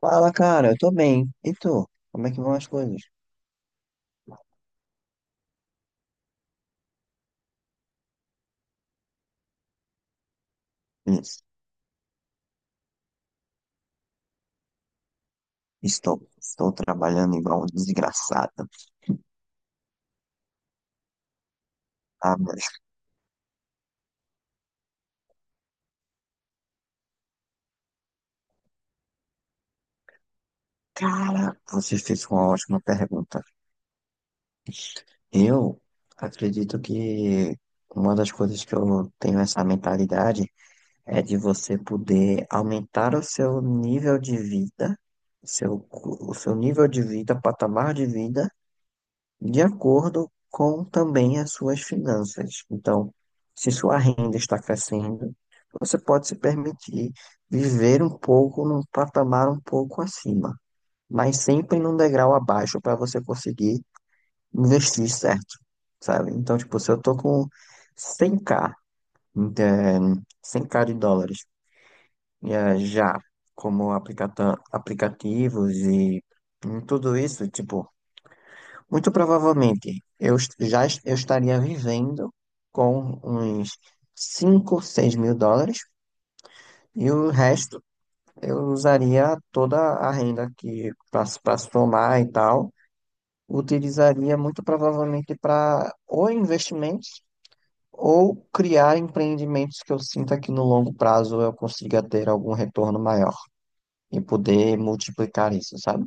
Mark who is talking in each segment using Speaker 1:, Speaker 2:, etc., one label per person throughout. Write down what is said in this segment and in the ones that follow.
Speaker 1: Fala, cara, eu tô bem. E tu? Como é que vão as coisas? Isso. Estou trabalhando igual um desgraçado. Ah, mas, cara, você fez uma ótima pergunta. Eu acredito que uma das coisas que eu tenho essa mentalidade é de você poder aumentar o seu nível de vida, seu, o seu nível de vida, patamar de vida de acordo com também as suas finanças. Então, se sua renda está crescendo, você pode se permitir viver um pouco num patamar um pouco acima, mas sempre num degrau abaixo para você conseguir investir certo, sabe? Então, tipo, se eu tô com 100K, de, 100K de dólares, já como aplicativos e em tudo isso, tipo, muito provavelmente, eu estaria vivendo com uns 5 ou 6 mil dólares e o resto eu usaria toda a renda que para somar e tal, utilizaria muito provavelmente para ou investimentos ou criar empreendimentos que eu sinta que no longo prazo eu consiga ter algum retorno maior e poder multiplicar isso, sabe?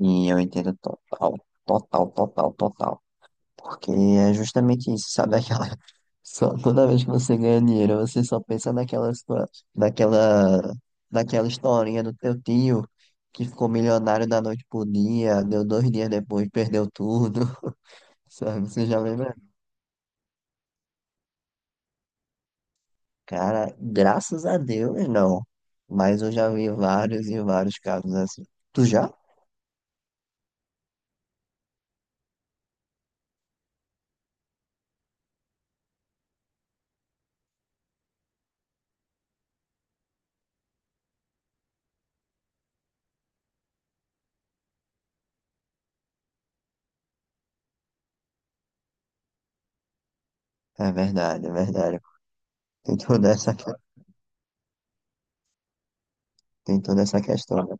Speaker 1: E eu entendo total, total, total, total. Porque é justamente isso, sabe? Aquela. Só, toda vez que você ganha dinheiro, você só pensa naquela, naquela historinha do teu tio que ficou milionário da noite pro dia, deu 2 dias depois, perdeu tudo, sabe? Você já lembra? Cara, graças a Deus, não. Mas eu já vi vários e vários casos assim. Tu já? É verdade, é verdade. Tem toda essa, que- tem toda essa questão, né?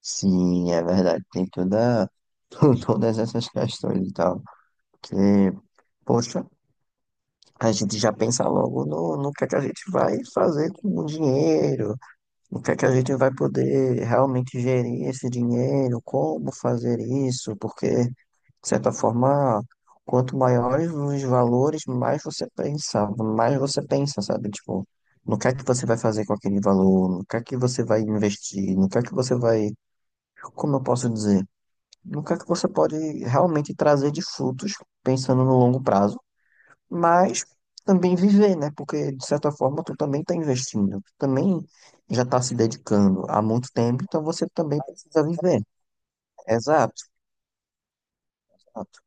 Speaker 1: Sim, é verdade. Todas essas questões e tal. Que, poxa, a gente já pensa logo no que é que a gente vai fazer com o dinheiro, no que é que a gente vai poder realmente gerir esse dinheiro, como fazer isso, porque, de certa forma, quanto maiores os valores, mais você pensa, sabe? Tipo, no que é que você vai fazer com aquele valor, no que é que você vai investir, no que é que você vai, como eu posso dizer, no que é que você pode realmente trazer de frutos pensando no longo prazo, mas também viver, né? Porque, de certa forma, tu também está investindo, tu também já está se dedicando há muito tempo, então você também precisa viver. Exato, exato.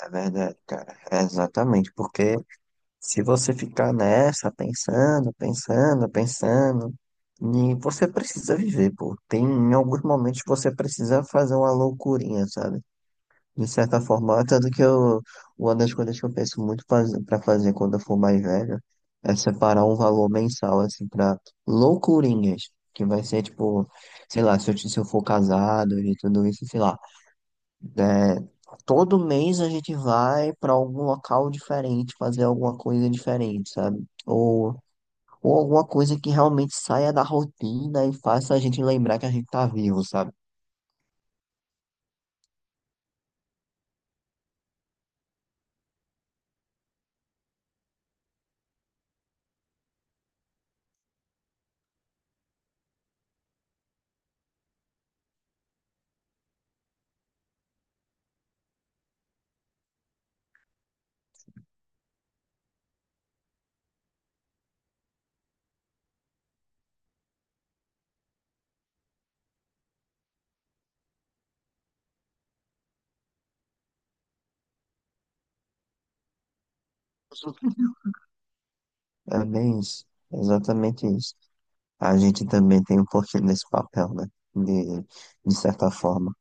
Speaker 1: É verdade, cara. É exatamente, porque se você ficar nessa, pensando, pensando, pensando, e você precisa viver, pô. Em alguns momentos você precisa fazer uma loucurinha, sabe? De certa forma, tanto que eu, uma das coisas que eu penso muito para fazer quando eu for mais velho é separar um valor mensal, assim, para loucurinhas, que vai ser tipo, sei lá, se eu for casado e tudo isso, sei lá. É, todo mês a gente vai para algum local diferente, fazer alguma coisa diferente, sabe? Ou alguma coisa que realmente saia da rotina e faça a gente lembrar que a gente tá vivo, sabe? É bem isso, exatamente isso. A gente também tem um pouquinho desse papel, né? De, de certa forma.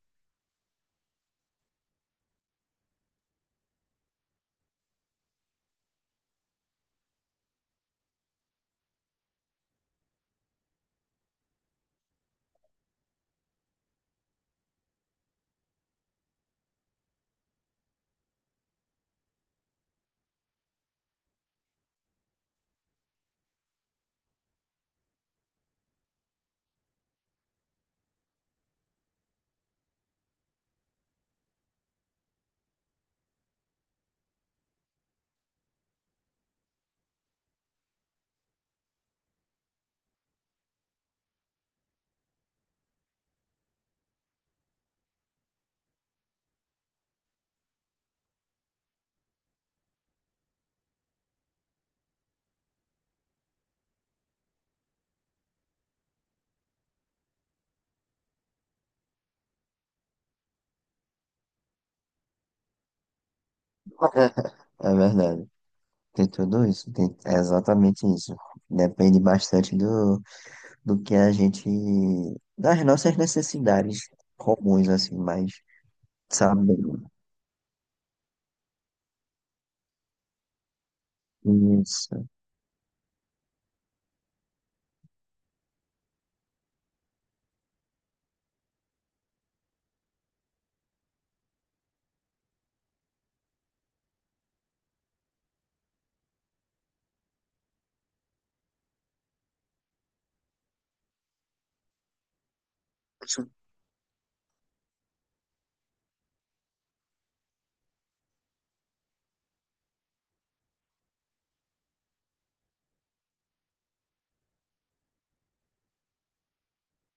Speaker 1: É verdade. Tem tudo isso. É exatamente isso. Depende bastante do que a gente. Das nossas necessidades comuns, assim, mas. Sabe? Isso.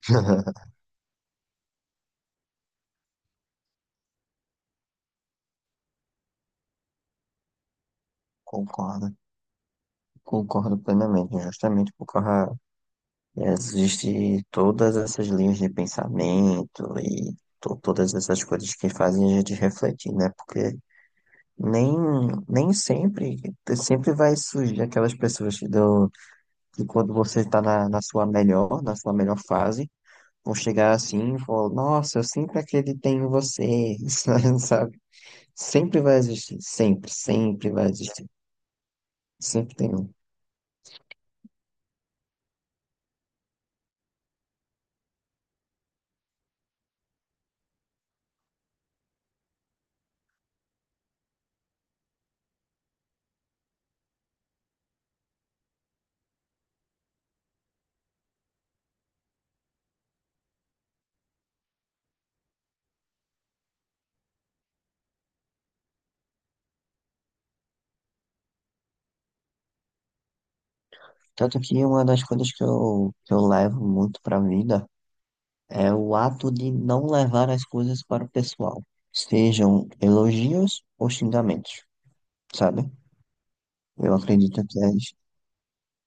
Speaker 1: Concordo. Concordo plenamente. Justamente por causa. Existe todas essas linhas de pensamento e todas essas coisas que fazem a gente refletir, né? Porque. Nem, nem sempre, vai surgir aquelas pessoas que, dão, que quando você está na sua melhor fase, vão chegar assim e falar, nossa, eu sempre acreditei em você, sabe? Sempre vai existir, sempre, sempre vai existir, sempre tem um. Tanto que uma das coisas que eu levo muito para vida é o ato de não levar as coisas para o pessoal, sejam elogios ou xingamentos, sabe? Eu acredito que é.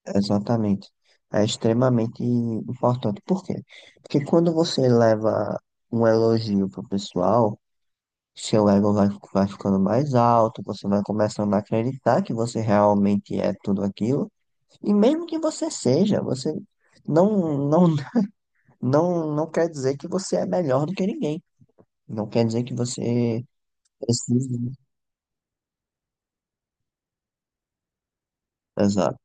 Speaker 1: Exatamente. É extremamente importante. Por quê? Porque quando você leva um elogio pro pessoal, seu ego vai ficando mais alto, você vai começando a acreditar que você realmente é tudo aquilo. E mesmo que você seja, você não, não, não, não quer dizer que você é melhor do que ninguém. Não quer dizer que você precisa. Exato,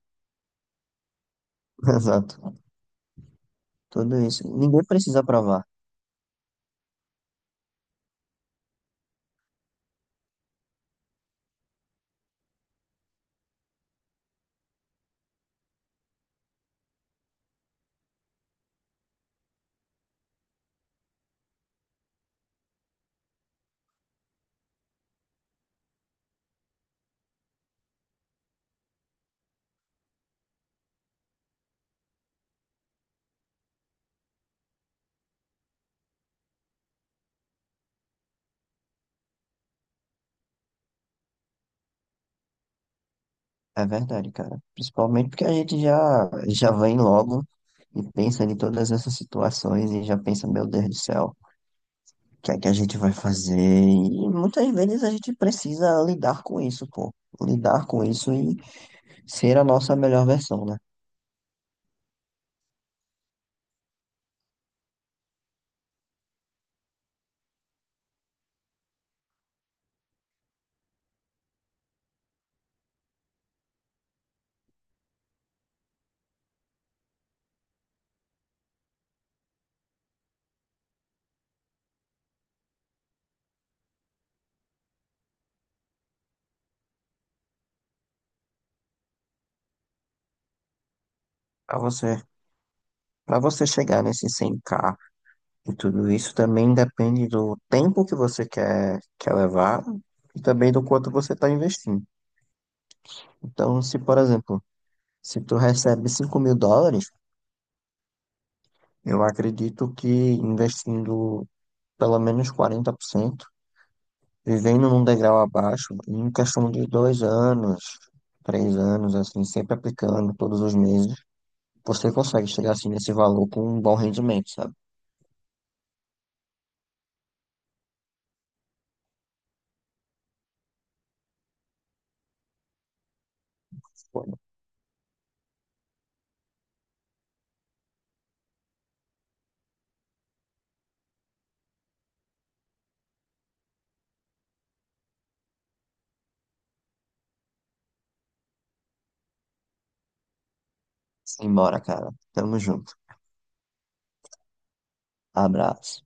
Speaker 1: exato. Tudo isso. Ninguém precisa provar. É verdade, cara. Principalmente porque a gente já, já vem logo e pensa em todas essas situações e já pensa, meu Deus do céu, o que é que a gente vai fazer? E muitas vezes a gente precisa lidar com isso, pô. Lidar com isso e ser a nossa melhor versão, né? Pra você, para você chegar nesse 100K e tudo isso também depende do tempo que você quer levar e também do quanto você está investindo. Então, se, por exemplo, se tu recebe 5 mil dólares. Eu acredito que investindo pelo menos 40%, vivendo num degrau abaixo, em questão de 2 anos, 3 anos, assim, sempre aplicando todos os meses, você consegue chegar assim nesse valor com um bom rendimento, sabe? Pô, simbora, cara. Tamo junto. Abraço.